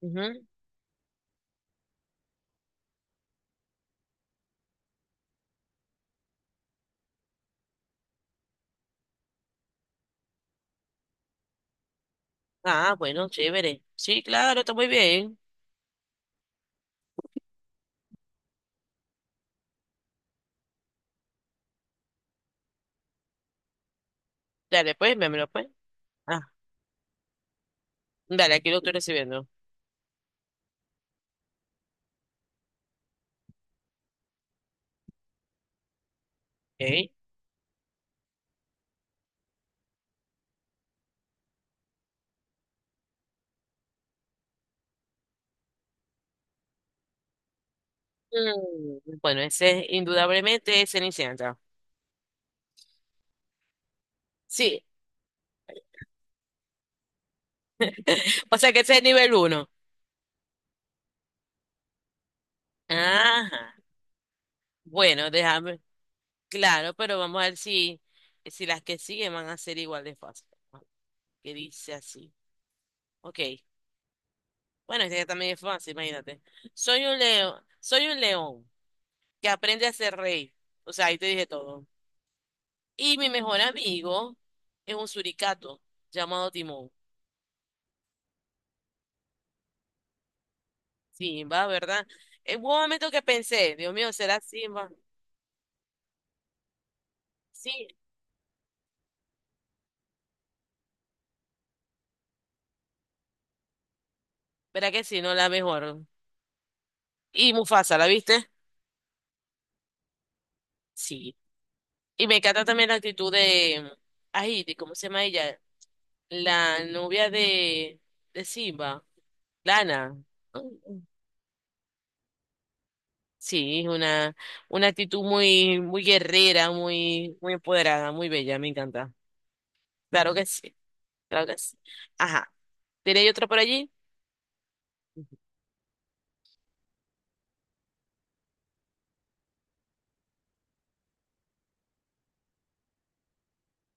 Ujú. Ah, bueno, chévere. Sí, claro, está muy bien. Dale, pues, véamelo, pues. Ah, dale, aquí lo estoy recibiendo. Ok. Bueno, ese es indudablemente es Cenicienta. Sí. O sea que ese es nivel uno. Ajá. Bueno, déjame. Claro, pero vamos a ver si las que siguen van a ser igual de fáciles. Que dice así. Ok. Bueno, este también es fácil, imagínate. Soy un león que aprende a ser rey. O sea, ahí te dije todo. Y mi mejor amigo es un suricato llamado Timón. Simba, ¿verdad? En un momento que pensé, Dios mío, ¿será Simba? Sí, ¿verdad que sí? No, la mejor. Y Mufasa, ¿la viste? Sí. Y me encanta también ay, ¿de cómo se llama ella? La novia de, de Simba, Lana. Sí, es una actitud muy, muy guerrera, muy, muy empoderada, muy bella, me encanta. Claro que sí, claro que sí. Ajá. ¿Tiene otra por allí?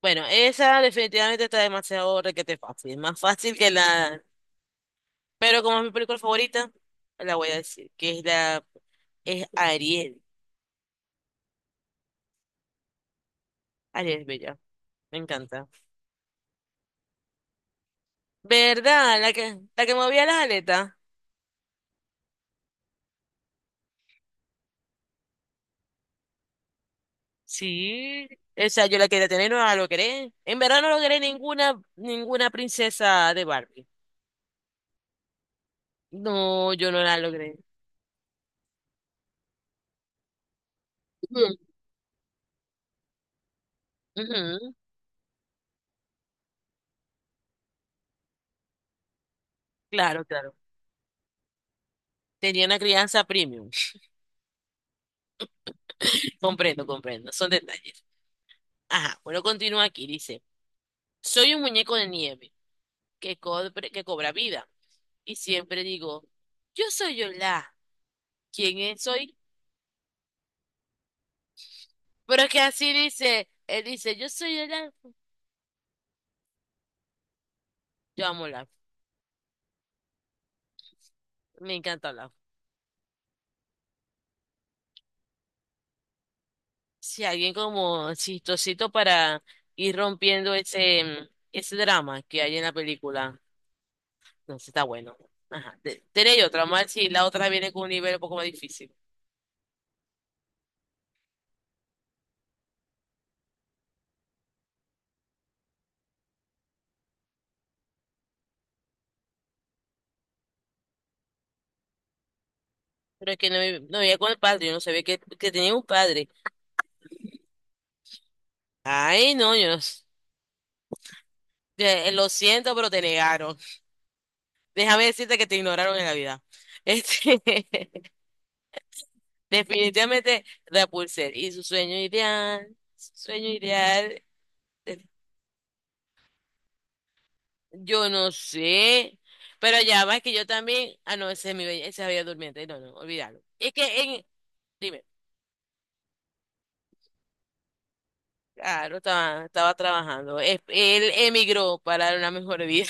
Bueno, esa definitivamente está demasiado requete fácil, más fácil que la... Pero como es mi película favorita, la voy a decir, que es la... es Ariel. Ariel es bella, me encanta. ¿Verdad? La que movía las aletas. Sí, esa yo la quería tener, no la logré. En verdad no logré ninguna princesa de Barbie. No, yo no la logré. Ujú, ujú. Claro, claro. Tenía una crianza premium. Comprendo, comprendo. Son detalles. Ajá, bueno, continúa aquí, dice, soy un muñeco de nieve que cobra vida y siempre digo, yo soy Olaf, ¿quién soy? Pero es que así dice, él dice, yo soy Olaf, yo amo Olaf, me encanta Olaf. Si alguien como chistosito para ir rompiendo ese, ese drama que hay en la película, entonces está bueno. Ajá, tenéis otra, más si la otra viene con un nivel un poco más difícil. Pero es que no, no vivía con el padre, yo no sabía que tenía un padre. Ay, no, yo no s- lo siento, pero te negaron. Déjame decirte que te ignoraron en la vida. Este, definitivamente Rapunzel y su sueño ideal, eh, yo no sé, pero ya va, es que yo también, ah, no, ese es mi bella, esa es Bella Durmiente, no, no, olvídalo. Es que, en, dime, claro, estaba trabajando. Él emigró para una mejor vida.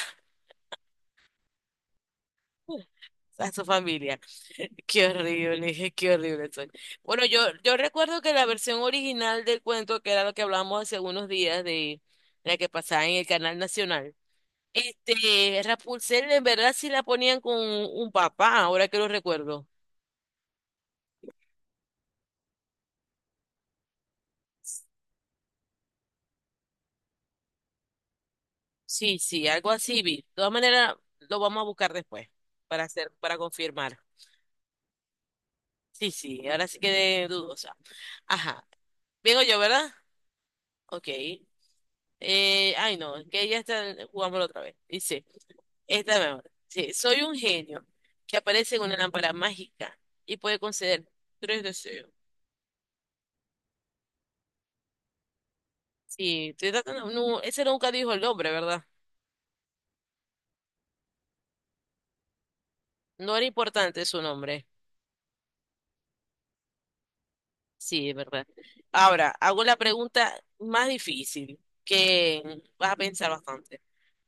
A su familia. Qué horrible, dije, qué horrible soy. Bueno, yo recuerdo que la versión original del cuento, que era lo que hablamos hace unos días de la que pasaba en el canal nacional, este, Rapunzel en verdad sí la ponían con un papá, ahora que lo recuerdo. Sí, sí, algo así vi. De todas maneras, lo vamos a buscar después para hacer, para confirmar. Sí, sí, ahora sí quedé dudosa. Ajá. Vengo yo, ¿verdad? Ok. Ay, no, es que ya está, jugámoslo otra vez. Dice. Esta mejor. Sí, soy un genio que aparece en una lámpara mágica y puede conceder tres deseos. Sí, no, ese nunca dijo el nombre, ¿verdad? No era importante su nombre. Sí, es verdad. Ahora, hago la pregunta más difícil, que vas a pensar bastante.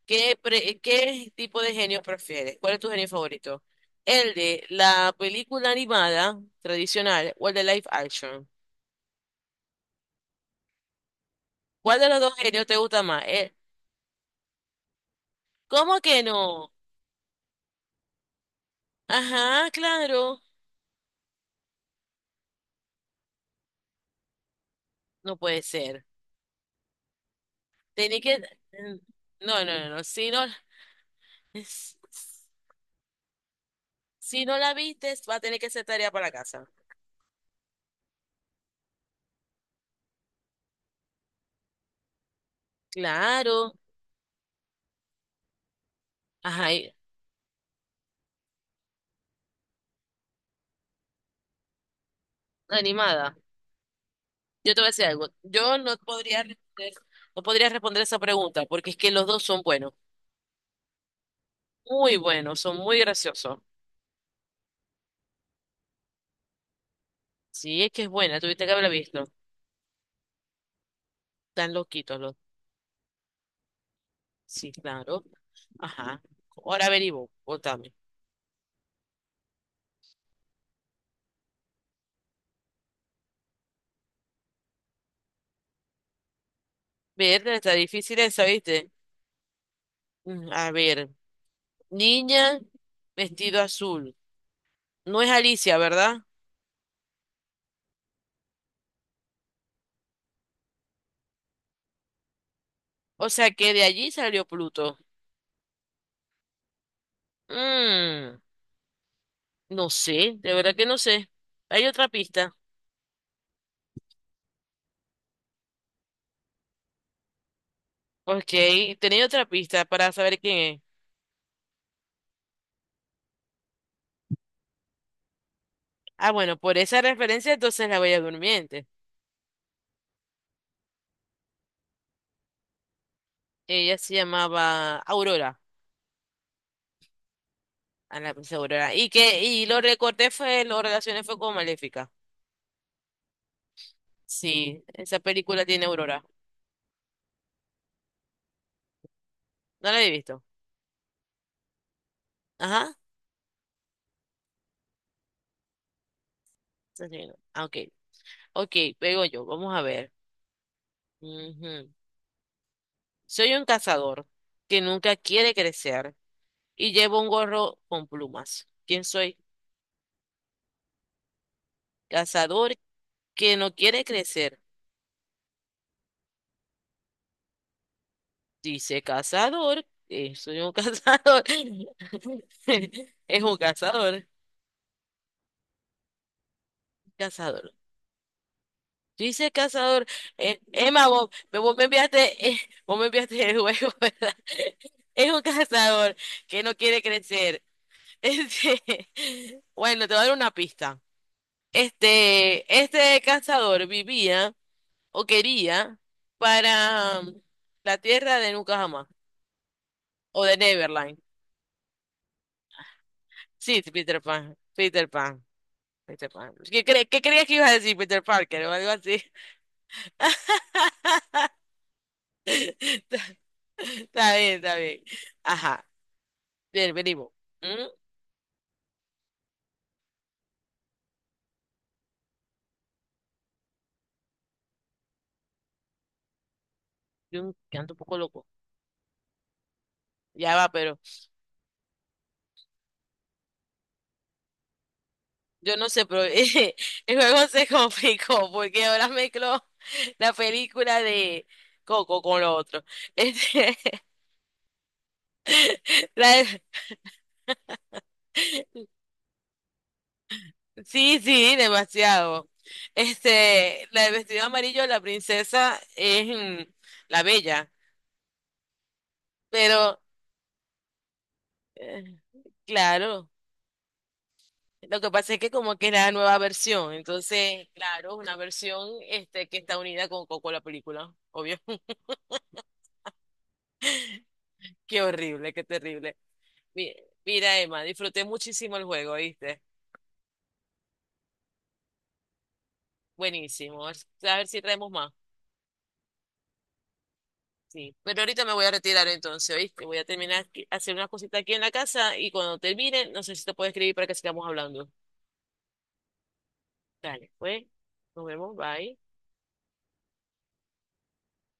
¿Qué tipo de genio prefieres? ¿Cuál es tu genio favorito? ¿El de la película animada tradicional o el de live action? ¿Cuál de los dos genios te gusta más? ¿Cómo que no? Ajá, claro. No puede ser. Tenía que... No, no, no, no. Si no, si no la viste, va a tener que hacer tarea para la casa. Claro. Ajá, animada. Yo te voy a decir algo. Yo no podría responder, no podría responder esa pregunta porque es que los dos son buenos. Muy buenos, son muy graciosos. Sí, es que es buena. Tuviste que haberla visto. Están loquitos los. Sí, claro. Ajá. Ahora averiguo. Votame. Verde, está difícil esa, ¿viste? A ver. Niña, vestido azul. No es Alicia, ¿verdad? O sea que de allí salió Pluto. Mm, no sé, de verdad que no sé. Hay otra pista. Ok, tenía otra pista para saber quién es. Ah, bueno, por esa referencia entonces la Bella Durmiente. Ella se llamaba Aurora, a la princesa Aurora. Y lo recorté fue, lo relacioné fue con Maléfica. Sí, esa película tiene Aurora. No la he visto. Ajá. Está bien. Ah, ok. Ok, pego yo, vamos a ver. Ujú. Soy un cazador que nunca quiere crecer y llevo un gorro con plumas. ¿Quién soy? Cazador que no quiere crecer. Dice cazador. Soy un cazador. Es un cazador. Cazador. Dice cazador. Emma, vos me enviaste el juego, ¿verdad? Es un cazador que no quiere crecer. Este, bueno, te voy a dar una pista. Este cazador vivía o quería para la tierra de Nunca Jamás o de Neverland. Sí, Peter Pan, Peter Pan. ¿Qué creías que ibas a decir, Peter Parker o algo así? Está Está bien, está bien. Ajá, bien, venimos. ¿Mm? Yo canto un poco loco. Ya va, pero yo no sé, pero el juego se complicó porque ahora mezcló la película de Coco con lo otro. Este, Sí, sí, demasiado. Este, la de vestido amarillo, la princesa es la bella, pero eh, claro, lo que pasa es que como que es la nueva versión, entonces, claro, una versión este que está unida con, coco la película, obvio. Qué horrible, qué terrible. Mi- Mira, Emma, disfruté muchísimo el juego, ¿viste? Buenísimo. A ver si traemos más. Sí, pero ahorita me voy a retirar entonces, ¿oíste? Voy a terminar hacer unas cositas aquí en la casa y cuando termine, no sé si te puedo escribir para que sigamos hablando. Dale, pues, nos vemos, bye.